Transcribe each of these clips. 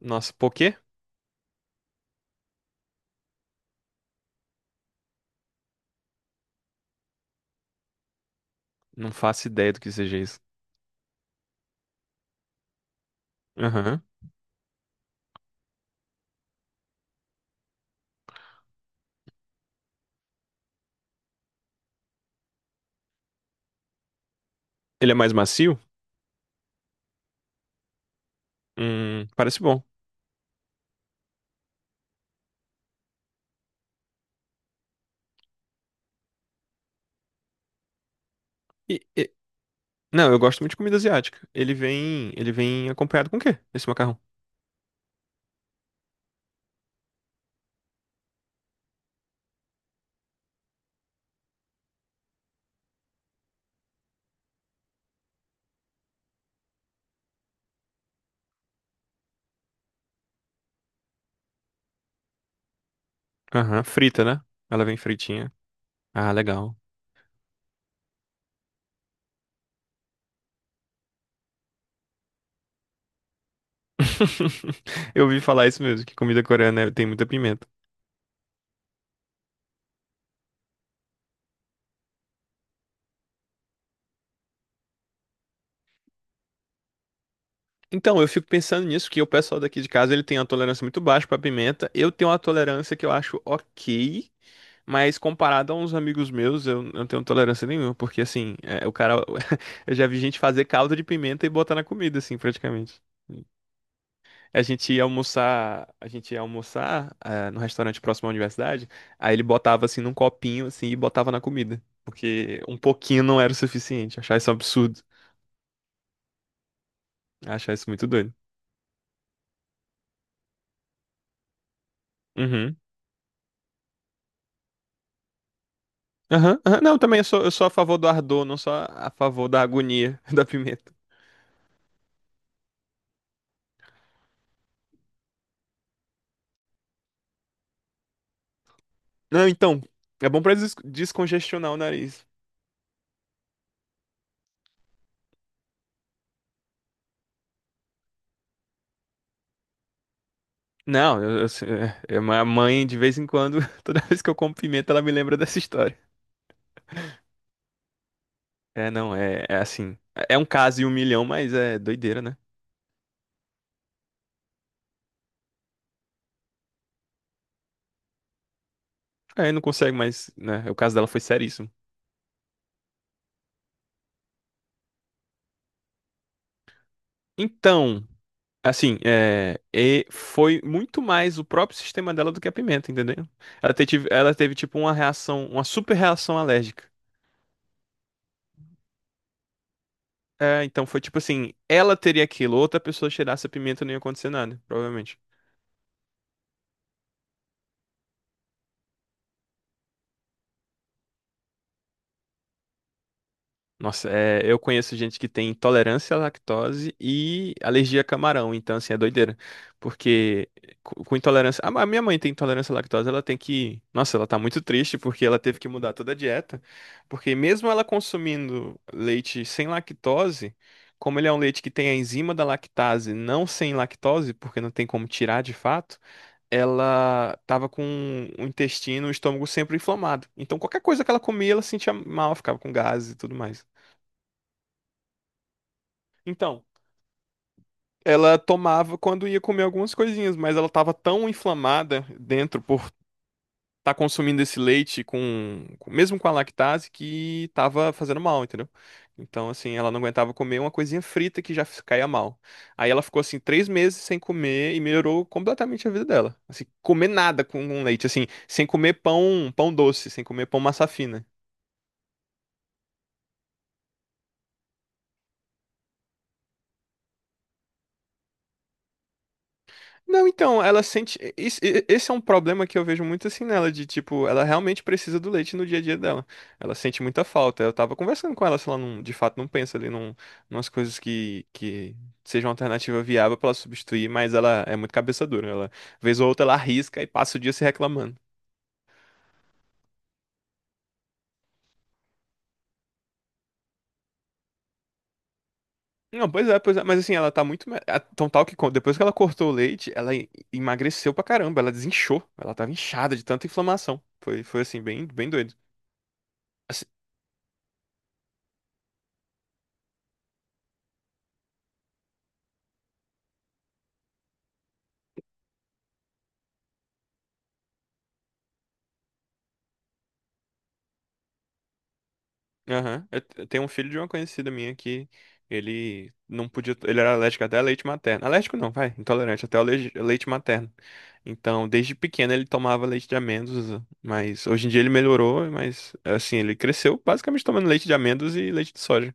Nossa, poquê? Não faço ideia do que seja isso. Aham. Ele é mais macio? Parece bom. E- e- Não, eu gosto muito de comida asiática. Ele vem acompanhado com o quê? Esse macarrão? Aham, frita, né? Ela vem fritinha. Ah, legal. Eu ouvi falar isso mesmo, que comida coreana é, tem muita pimenta. Então, eu fico pensando nisso, que o pessoal daqui de casa, ele tem uma tolerância muito baixa pra pimenta. Eu tenho uma tolerância que eu acho ok. Mas comparado a uns amigos meus, eu não tenho tolerância nenhuma, porque assim, é, o cara. Eu já vi gente fazer caldo de pimenta e botar na comida, assim, praticamente. A gente ia almoçar, ah, no restaurante próximo à universidade, aí ele botava assim num copinho, assim, e botava na comida. Porque um pouquinho não era o suficiente. Achar isso um absurdo. Achar isso muito doido. Uhum. Aham, aham. Não, também eu sou, a favor do ardor, não sou a favor da agonia da pimenta. Não, então, é bom pra descongestionar o nariz. Não, minha mãe, de vez em quando, toda vez que eu como pimenta, ela me lembra dessa história. É, não, é assim. É um caso e 1 milhão, mas é doideira, né? Aí não consegue mais, né? O caso dela foi seríssimo. Então, assim, e foi muito mais o próprio sistema dela do que a pimenta, entendeu? Ela teve tipo uma reação, uma super reação alérgica. É, então foi tipo assim, ela teria aquilo, outra pessoa cheirasse a pimenta não ia acontecer nada, provavelmente. Nossa, é, eu conheço gente que tem intolerância à lactose e alergia a camarão, então assim, é doideira. Porque com intolerância. A minha mãe tem intolerância à lactose, ela tem que. Nossa, ela tá muito triste porque ela teve que mudar toda a dieta. Porque mesmo ela consumindo leite sem lactose, como ele é um leite que tem a enzima da lactase, não sem lactose, porque não tem como tirar de fato, ela tava com o intestino, o estômago sempre inflamado. Então qualquer coisa que ela comia, ela sentia mal, ficava com gases e tudo mais. Então, ela tomava quando ia comer algumas coisinhas, mas ela tava tão inflamada dentro por estar consumindo esse leite mesmo com a lactase que tava fazendo mal, entendeu? Então, assim, ela não aguentava comer uma coisinha frita que já caía mal. Aí ela ficou assim 3 meses sem comer e melhorou completamente a vida dela. Assim, comer nada com leite, assim, sem comer pão, pão doce, sem comer pão massa fina. Não, então, ela sente. Esse é um problema que eu vejo muito assim nela, de tipo, ela realmente precisa do leite no dia a dia dela. Ela sente muita falta. Eu tava conversando com ela, se ela não, de fato não pensa ali umas coisas que sejam uma alternativa viável pra ela substituir, mas ela é muito cabeça dura. Ela, vez ou outra, ela arrisca e passa o dia se reclamando. Não, pois é, mas assim, ela tá muito. Tão tal que depois que ela cortou o leite, ela emagreceu pra caramba, ela desinchou. Ela tava inchada de tanta inflamação. Foi assim, bem, bem doido. Aham. Eu tenho um filho de uma conhecida minha que ele não podia. Ele era alérgico até a leite materno. Alérgico não, vai. Intolerante até ao leite, leite materno. Então, desde pequeno ele tomava leite de amêndoas, mas hoje em dia ele melhorou, mas assim, ele cresceu basicamente tomando leite de amêndoas e leite de soja.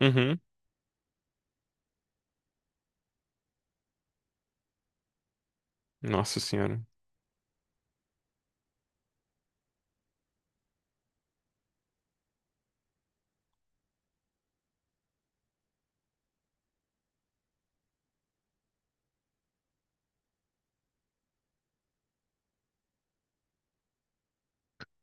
Uhum. Nossa senhora.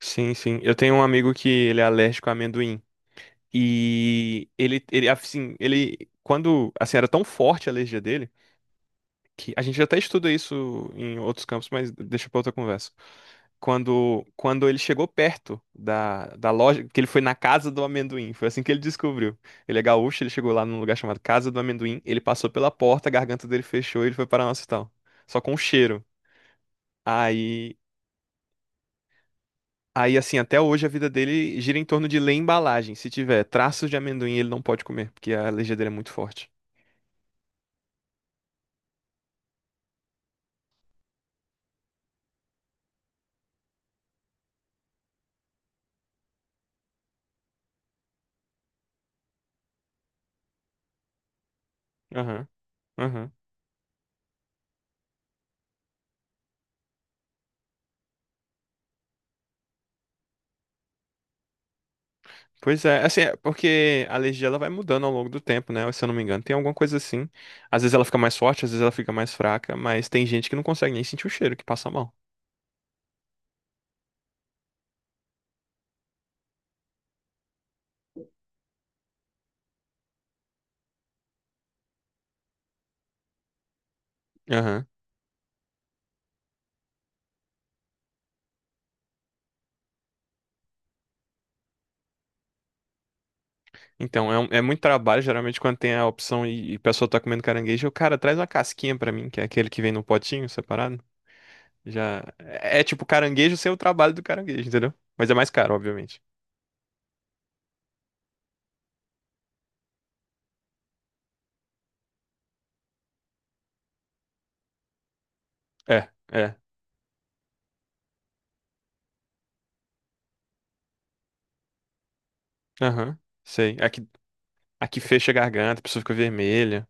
Sim, sim. Eu tenho um amigo que ele é alérgico a amendoim. E ele assim, ele. Quando, assim, era tão forte a alergia dele, que a gente até estuda isso em outros campos, mas deixa para outra conversa. Quando ele chegou perto da loja, que ele foi na casa do amendoim, foi assim que ele descobriu. Ele é gaúcho, ele chegou lá num lugar chamado Casa do Amendoim, ele passou pela porta, a garganta dele fechou e ele foi para nosso hospital. Só com o cheiro. Aí Aí, assim, até hoje a vida dele gira em torno de ler embalagem. Se tiver traços de amendoim, ele não pode comer, porque a alergia dele é muito forte. Aham, aham. Pois é, assim, é porque a alergia ela vai mudando ao longo do tempo, né? Se eu não me engano, tem alguma coisa assim. Às vezes ela fica mais forte, às vezes ela fica mais fraca, mas tem gente que não consegue nem sentir o cheiro, que passa mal. Aham. Então, é muito trabalho, geralmente, quando tem a opção e a pessoa tá comendo caranguejo, o cara traz uma casquinha pra mim, que é aquele que vem no potinho separado. Já. É, é tipo caranguejo sem o trabalho do caranguejo, entendeu? Mas é mais caro, obviamente. É, é. Aham. Sei. Aqui, fecha a garganta, a pessoa fica vermelha.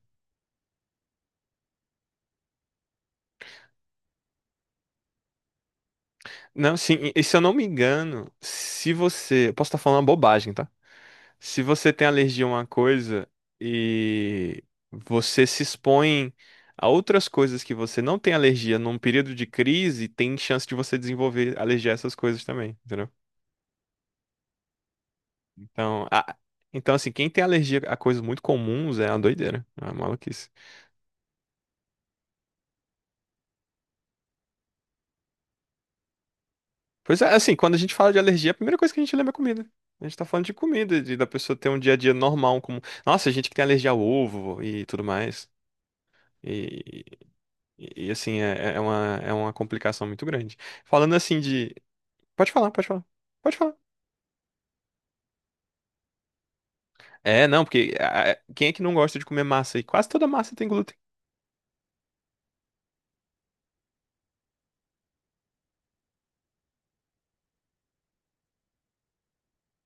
Não, sim, e se eu não me engano, se você. Eu Posso estar falando uma bobagem, tá? Se você tem alergia a uma coisa e você se expõe a outras coisas que você não tem alergia num período de crise, tem chance de você desenvolver alergia a essas coisas também, entendeu? Então, então assim, quem tem alergia a coisas muito comuns é uma doideira, é uma maluquice. Pois é, assim, quando a gente fala de alergia, a primeira coisa que a gente lembra é comida. A gente tá falando de comida, de da pessoa ter um dia a dia normal, como. Nossa, gente que tem alergia ao ovo e tudo mais. E, e, assim, é uma complicação muito grande. Falando assim de. Pode falar, pode falar. Pode falar. É, não, porque ah, quem é que não gosta de comer massa? E quase toda massa tem glúten.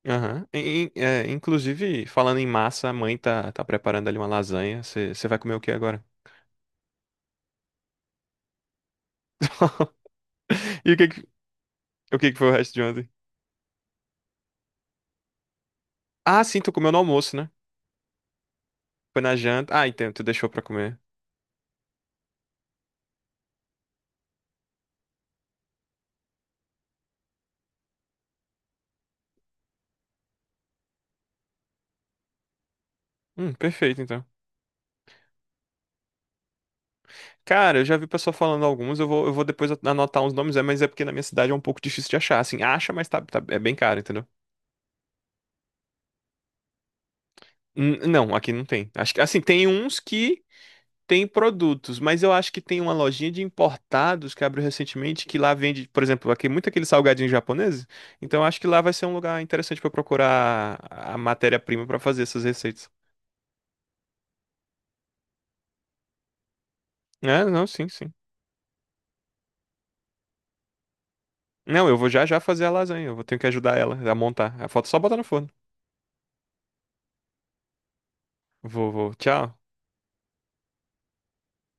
Aham. E, inclusive, falando em massa, a mãe tá, preparando ali uma lasanha. Você vai comer o que agora? E o que que foi o resto de ontem? Ah, sim, tu comeu no almoço, né? Foi na janta. Ah, então, tu deixou pra comer. Perfeito, então. Cara, eu já vi pessoa falando alguns, eu vou depois anotar uns nomes, mas é porque na minha cidade é um pouco difícil de achar, assim, acha, mas tá, é bem caro, entendeu? Não, aqui não tem. Acho que, assim, tem uns que tem produtos, mas eu acho que tem uma lojinha de importados que abriu recentemente, que lá vende, por exemplo, aqui muito aquele salgadinho japonês, então eu acho que lá vai ser um lugar interessante pra eu procurar a matéria-prima pra fazer essas receitas. É, não, sim, sim. Não, eu vou já já fazer a lasanha, eu vou ter que ajudar ela a montar. A foto é só botar no forno. Vou, vou, tchau.